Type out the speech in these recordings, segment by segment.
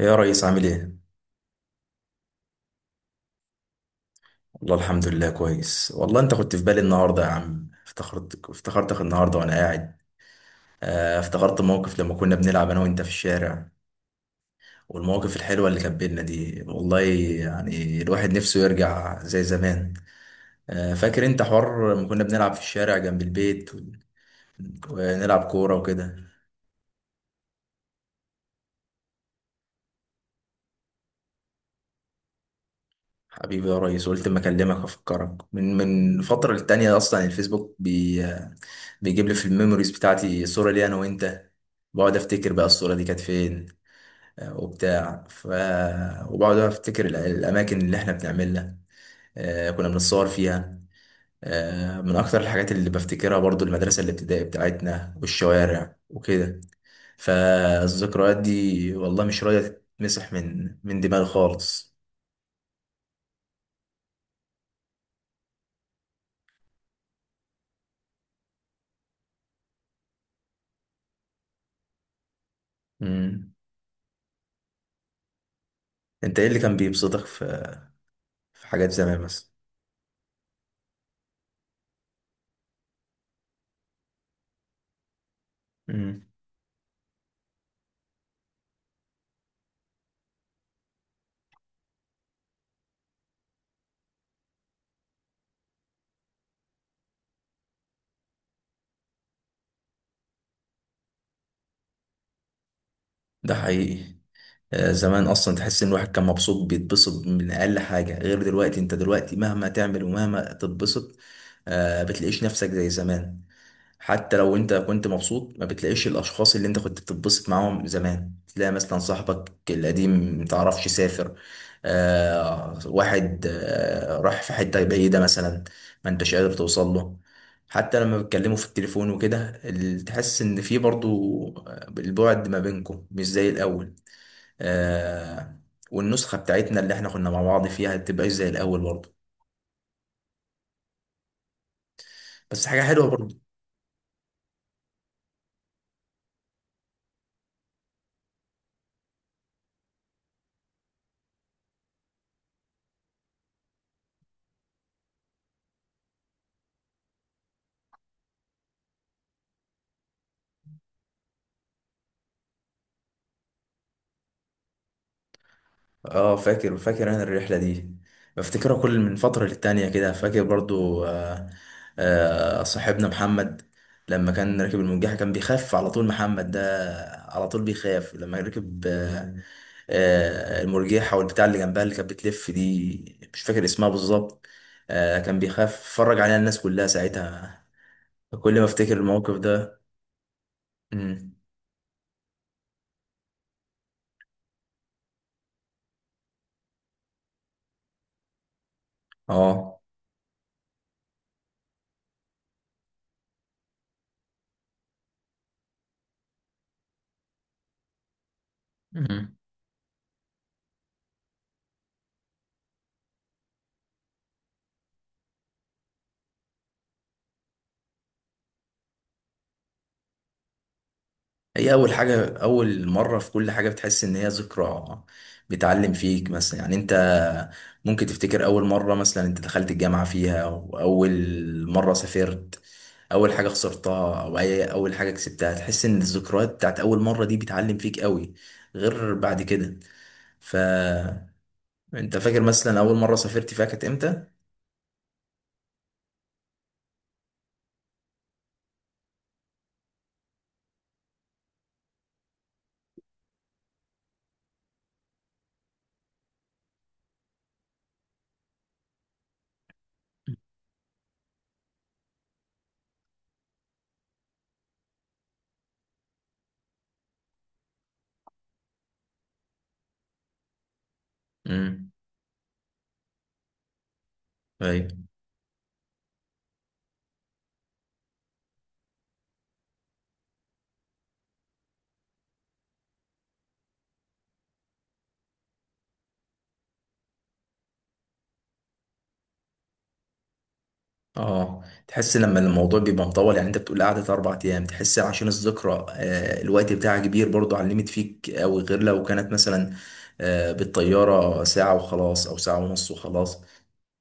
إيه يا ريس، عامل ايه؟ والله الحمد لله كويس. والله انت كنت في بالي النهارده يا عم، افتخرتك النهارده وانا قاعد. افتخرت موقف لما كنا بنلعب انا وانت في الشارع. والمواقف الحلوه اللي كانت بينا دي والله. يعني الواحد نفسه يرجع زي زمان. فاكر انت حوار لما كنا بنلعب في الشارع جنب البيت ونلعب كوره وكده. حبيبي يا ريس، قلت ما اكلمك افكرك من فتره للتانيه. اصلا الفيسبوك بيجيب لي في الميموريز بتاعتي صوره لي انا وانت. بقعد افتكر بقى الصوره دي كانت فين. آه، وبتاع ف وبقعد افتكر الاماكن اللي احنا بنعملها. كنا بنتصور فيها. من اكتر الحاجات اللي بفتكرها برضو، المدرسه الابتدائيه بتاعتنا والشوارع وكده. فالذكريات دي والله مش راضيه تتمسح من دماغي خالص. مم. انت ايه اللي كان بيبسطك في حاجات زمان مثلا؟ امم. ده حقيقي. زمان اصلا تحس ان الواحد كان مبسوط، بيتبسط من اقل حاجه. غير دلوقتي، انت دلوقتي مهما تعمل ومهما تتبسط، بتلاقيش نفسك زي زمان. حتى لو انت كنت مبسوط، ما بتلاقيش الاشخاص اللي انت كنت بتتبسط معاهم زمان. تلاقي مثلا صاحبك القديم، متعرفش سافر، واحد راح في حتة بعيدة مثلا، ما انتش قادر توصل له. حتى لما بتكلموا في التليفون وكده، تحس ان في برضو، البعد ما بينكم مش زي الاول. آه. والنسخة بتاعتنا اللي احنا كنا مع بعض فيها تبقى زي الاول برضو. بس حاجة حلوة برضو. اه، فاكر فاكر انا الرحله دي. بفتكرها كل من فتره للتانيه كده، فاكر برضو. صاحبنا محمد، لما كان راكب المرجحه كان بيخاف على طول. محمد ده على طول بيخاف لما ركب. المرجحه والبتاع اللي جنبها اللي كانت بتلف دي، مش فاكر اسمها بالظبط. كان بيخاف، اتفرج عليها الناس كلها ساعتها كل ما افتكر الموقف ده. مم. اه. مم. هي أول حاجة، أول مرة في كل حاجة بتحس إن هي ذكرى. بتعلم فيك مثلا، يعني أنت ممكن تفتكر أول مرة مثلا أنت دخلت الجامعة فيها، وأول مرة سافرت، أول حاجة خسرتها أو أي أول حاجة كسبتها، تحس إن الذكريات بتاعت أول مرة دي بتعلم فيك قوي، غير بعد كده. فأنت فاكر مثلا أول مرة سافرت فيها كانت إمتى؟ امم. اه. تحس لما الموضوع بيبقى مطول، يعني انت بتقول قعدة 4 ايام، تحس عشان الذكرى الوقت بتاعها كبير برضو، علمت فيك اوي غير لو كانت مثلا بالطيارة ساعة وخلاص، او ساعة ونص وخلاص.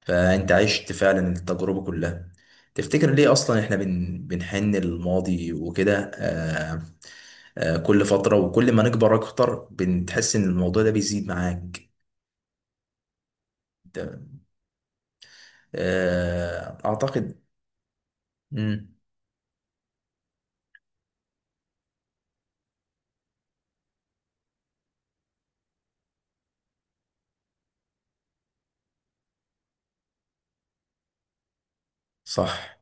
فانت عشت فعلا التجربة كلها. تفتكر ليه اصلا احنا بنحن للماضي وكده. كل فترة وكل ما نكبر اكتر بنتحس ان الموضوع ده بيزيد معاك. أنت- اعتقد. مم، صح.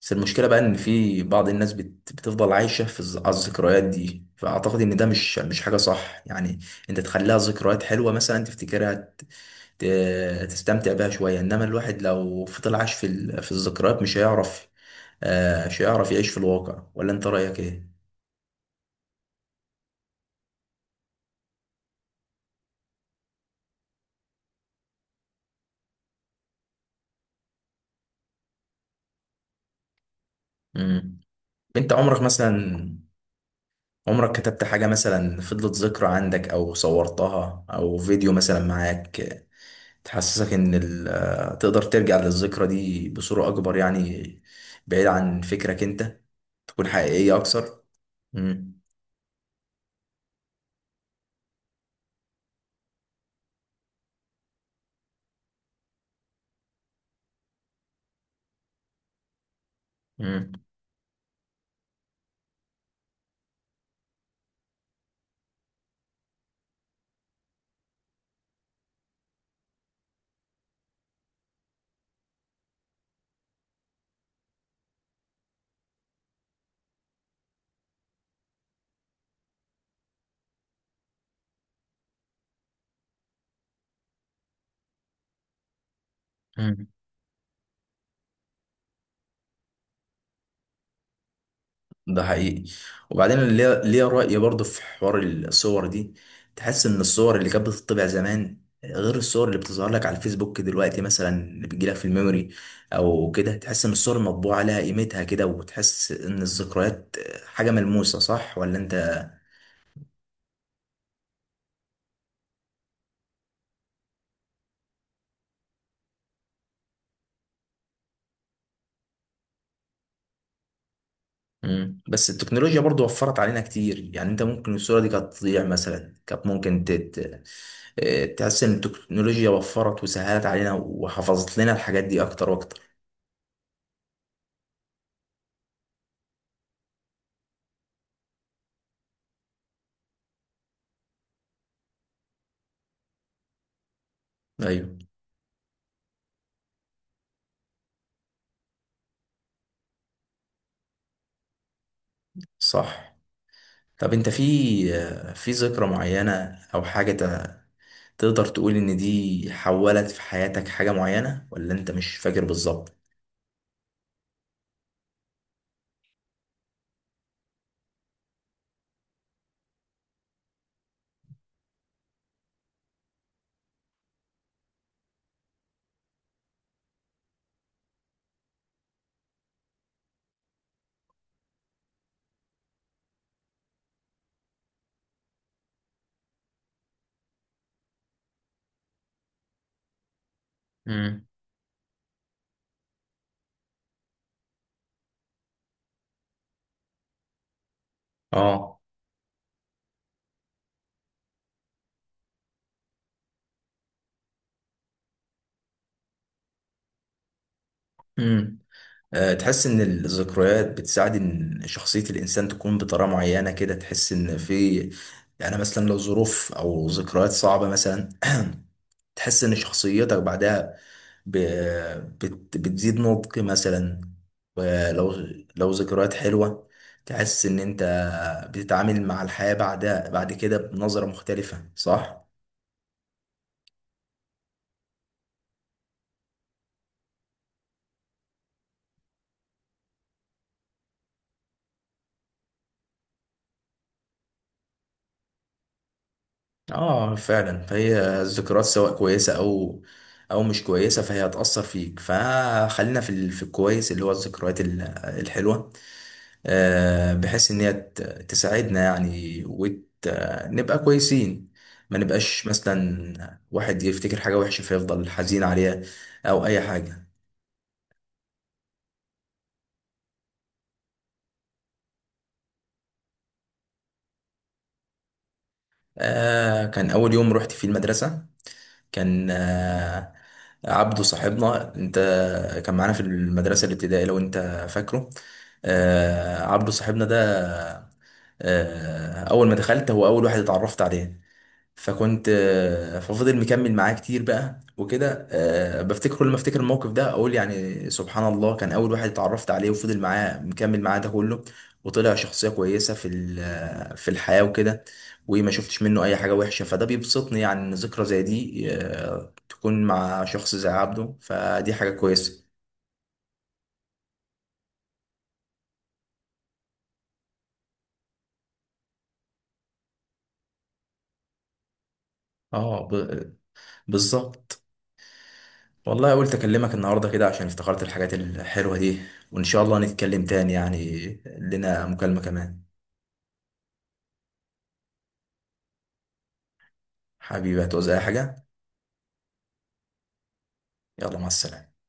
بس المشكلة بقى إن في بعض الناس بتفضل عايشة في على الذكريات دي، فأعتقد إن ده مش حاجة صح يعني. أنت تخليها ذكريات حلوة مثلا، تفتكرها. ت... تستمتع بيها شوية، إنما الواحد لو فضل عايش في الذكريات مش هيعرف، مش هيعرف يعيش في الواقع. ولا أنت رأيك إيه؟ مم. أنت عمرك مثلا عمرك كتبت حاجة مثلا فضلت ذكرى عندك، أو صورتها أو فيديو مثلا معاك، تحسسك ان تقدر ترجع للذكرى دي بصورة اكبر، يعني بعيد عن فكرك انت تكون حقيقية اكثر؟ مم. مم. مم. ده حقيقي. وبعدين ليا رأي برضه في حوار الصور دي. تحس ان الصور اللي كانت بتطبع زمان غير الصور اللي بتظهر لك على الفيسبوك دلوقتي مثلا، اللي بتجيلك في الميموري او كده. تحس ان الصور المطبوعة لها قيمتها كده، وتحس ان الذكريات حاجة ملموسة، صح ولا انت؟ مم. بس التكنولوجيا برضو وفرت علينا كتير، يعني انت ممكن الصورة دي كانت تضيع مثلا، كانت ممكن. اه، تحس ان التكنولوجيا وفرت وسهلت علينا وحفظت لنا الحاجات دي اكتر واكتر. ايوه، صح. طب انت اه، في ذكرى معينة او حاجة تقدر تقول ان دي حولت في حياتك حاجة معينة، ولا انت مش فاكر بالظبط؟ امم. اه. تحس ان الذكريات بتساعد ان شخصية الانسان تكون بطريقة معينة كده. تحس ان يعني مثلا لو ظروف او ذكريات صعبة مثلا، تحس ان شخصيتك بعدها ب- بتزيد نضج مثلا. ولو لو ذكريات حلوة، تحس ان انت بتتعامل مع الحياة بعدها بعد كده بنظرة مختلفة، صح؟ اه، فعلا. فهي الذكريات سواء كويسه او او مش كويسه فهي هتاثر فيك، فخلينا في في الكويس اللي هو الذكريات الحلوه، بحيث ان هي تساعدنا يعني ونبقى كويسين. ما نبقاش مثلا واحد يفتكر حاجه وحشه، فيفضل حزين عليها او اي حاجه. كان اول يوم رحت فيه المدرسه، كان آه، عبده صاحبنا، انت كان معانا في المدرسة الابتدائية لو انت فاكره. عبده صاحبنا ده، اول ما دخلت هو اول واحد اتعرفت عليه. فكنت آه، ففضل مكمل معاه كتير بقى وكده. بفتكر كل ما افتكر الموقف ده، اقول يعني سبحان الله، كان اول واحد اتعرفت عليه وفضل معاه، مكمل معاه ده كله، وطلع شخصية كويسة في ال- آه، في الحياة وكده. وما شفتش منه اي حاجة وحشة، فده بيبسطني يعني. ان ذكرى زي دي تكون مع شخص زي عبده، فدي حاجة كويسة. اه، بالظبط. والله قلت اكلمك النهارده كده عشان افتكرت الحاجات الحلوة دي، وان شاء الله نتكلم تاني يعني، لنا مكالمة كمان. حبيبي، هتعوز اي حاجة؟ يلا، مع السلامة.